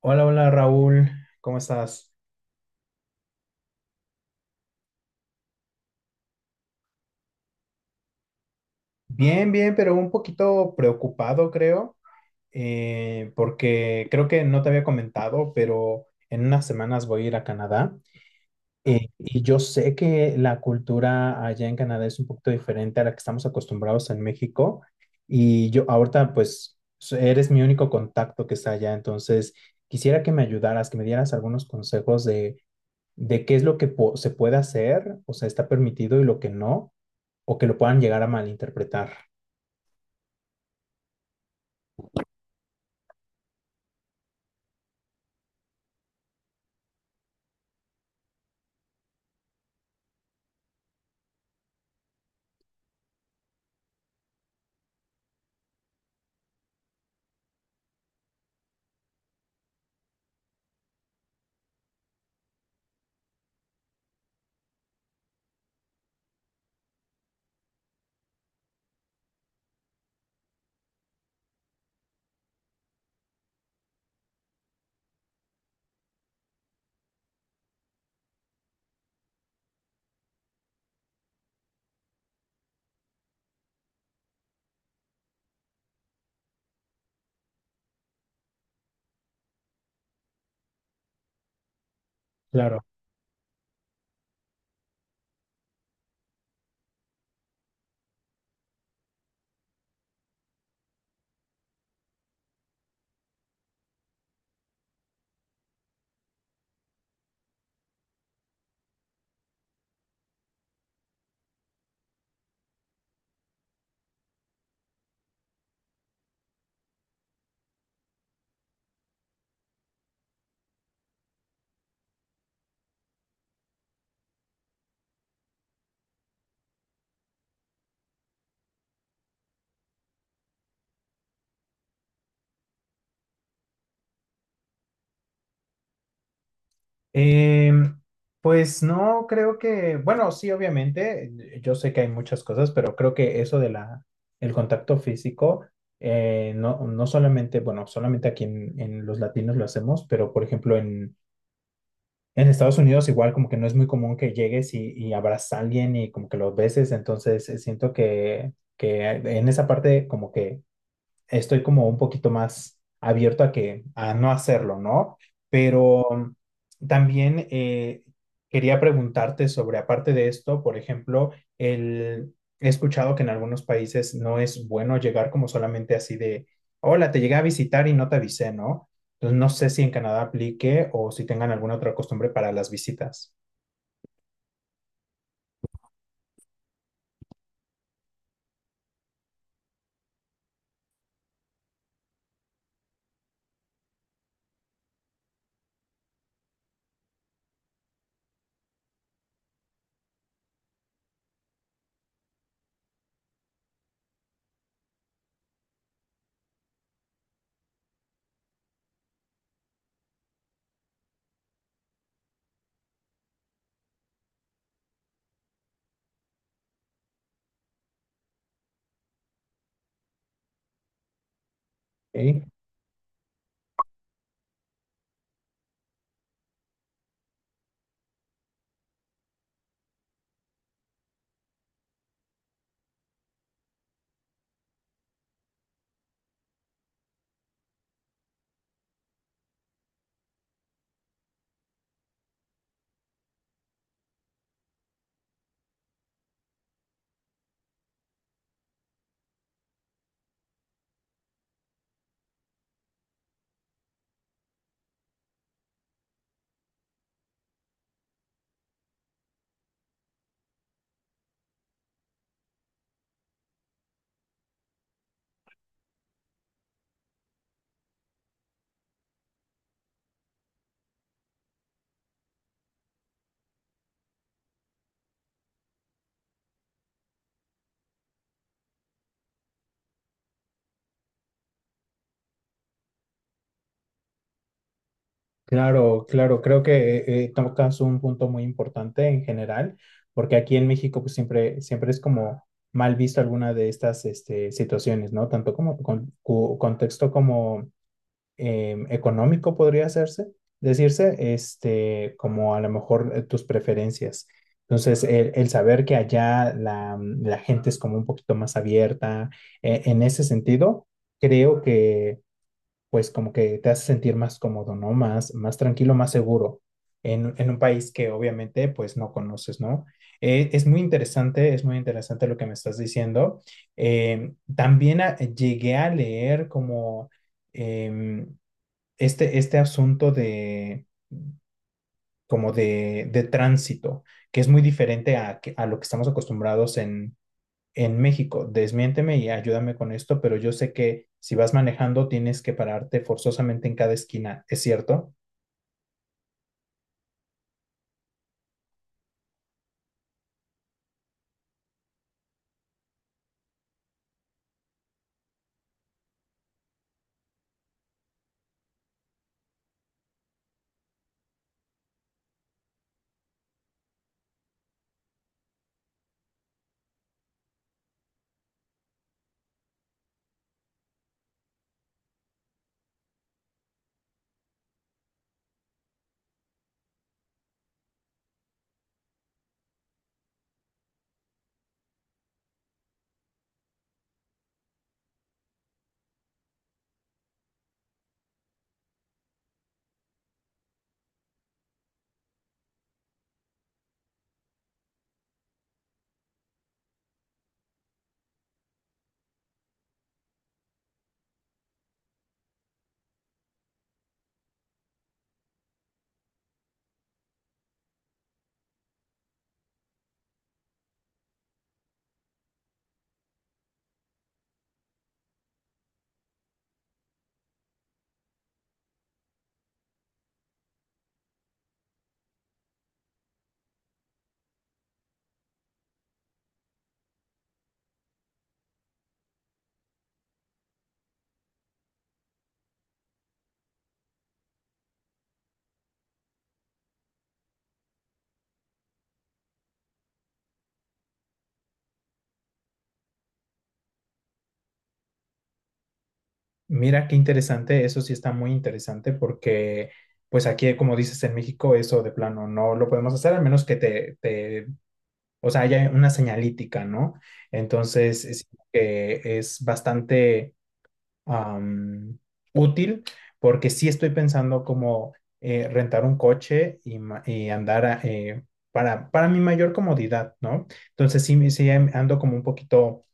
Hola, hola Raúl, ¿cómo estás? Bien, bien, pero un poquito preocupado creo, porque creo que no te había comentado, pero en unas semanas voy a ir a Canadá. Y yo sé que la cultura allá en Canadá es un poquito diferente a la que estamos acostumbrados en México, y yo ahorita pues eres mi único contacto que está allá. Entonces quisiera que me ayudaras, que me dieras algunos consejos de qué es lo que se puede hacer, o sea, está permitido y lo que no, o que lo puedan llegar a malinterpretar. Claro. Em, pues no, creo que, bueno, sí, obviamente, yo sé que hay muchas cosas, pero creo que eso de el contacto físico, no, no solamente, bueno, solamente aquí en los latinos lo hacemos, pero por ejemplo en Estados Unidos igual como que no es muy común que llegues y abrazas a alguien y como que lo beses. Entonces siento que en esa parte como que estoy como un poquito más abierto a que a no hacerlo, ¿no? Pero también quería preguntarte sobre, aparte de esto, por ejemplo, el, he escuchado que en algunos países no es bueno llegar como solamente así de, hola, te llegué a visitar y no te avisé, ¿no? Entonces no sé si en Canadá aplique o si tengan alguna otra costumbre para las visitas. ¿Ok? Claro, claro, creo que tocas un punto muy importante en general, porque aquí en México pues siempre, siempre es como mal visto alguna de estas este, situaciones, ¿no? Tanto como con, contexto como económico podría hacerse, decirse, este, como a lo mejor tus preferencias. Entonces, el saber que allá la gente es como un poquito más abierta, en ese sentido, creo que pues como que te hace sentir más cómodo, ¿no? Más, más tranquilo, más seguro en un país que obviamente pues no conoces, ¿no? Es muy interesante, es muy interesante lo que me estás diciendo. También llegué a leer como em, este, este asunto de como de tránsito, que es muy diferente a, a lo que estamos acostumbrados en México. Desmiénteme y ayúdame con esto, pero yo sé que si vas manejando tienes que pararte forzosamente en cada esquina, ¿es cierto? Mira qué interesante, eso sí está muy interesante porque pues aquí, como dices, en México eso de plano no lo podemos hacer, al menos que o sea, haya una señalítica, ¿no? Entonces, es, que es bastante am, útil, porque sí estoy pensando como rentar un coche y, y andar para mi mayor comodidad, ¿no? Entonces sí, sí ando como un poquito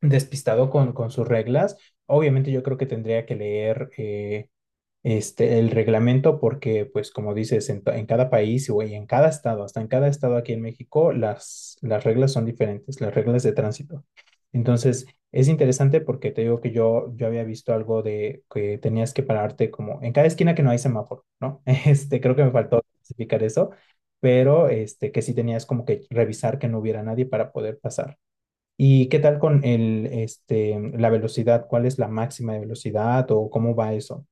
despistado con sus reglas. Obviamente yo creo que tendría que leer este, el reglamento porque, pues como dices, en, en cada país o en cada estado, hasta en cada estado aquí en México, las reglas son diferentes, las reglas de tránsito. Entonces, es interesante porque te digo que yo había visto algo de que tenías que pararte como en cada esquina que no hay semáforo, ¿no? Este, creo que me faltó especificar eso, pero este, que sí tenías como que revisar que no hubiera nadie para poder pasar. ¿Y qué tal con el, este, la velocidad? ¿Cuál es la máxima de velocidad o cómo va eso?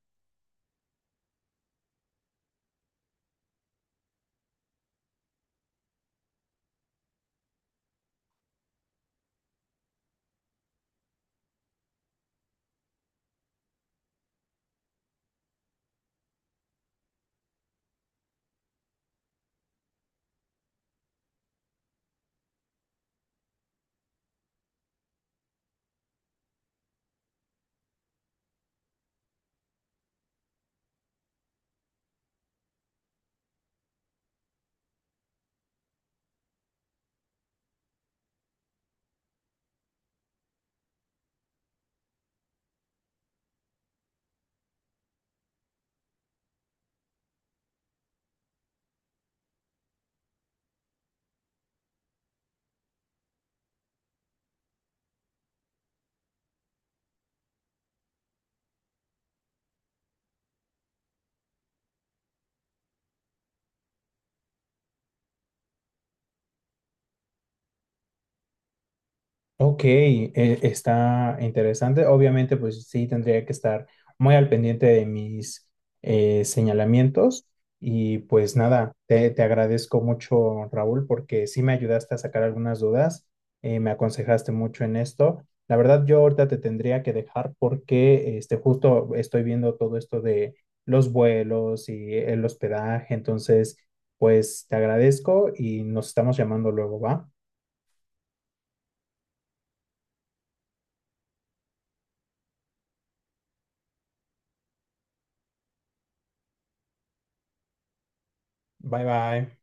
Ok, está interesante. Obviamente, pues sí, tendría que estar muy al pendiente de mis señalamientos. Y pues nada, te agradezco mucho, Raúl, porque sí me ayudaste a sacar algunas dudas, me aconsejaste mucho en esto. La verdad, yo ahorita te tendría que dejar porque este, justo estoy viendo todo esto de los vuelos y el hospedaje. Entonces, pues te agradezco y nos estamos llamando luego, ¿va? Bye bye.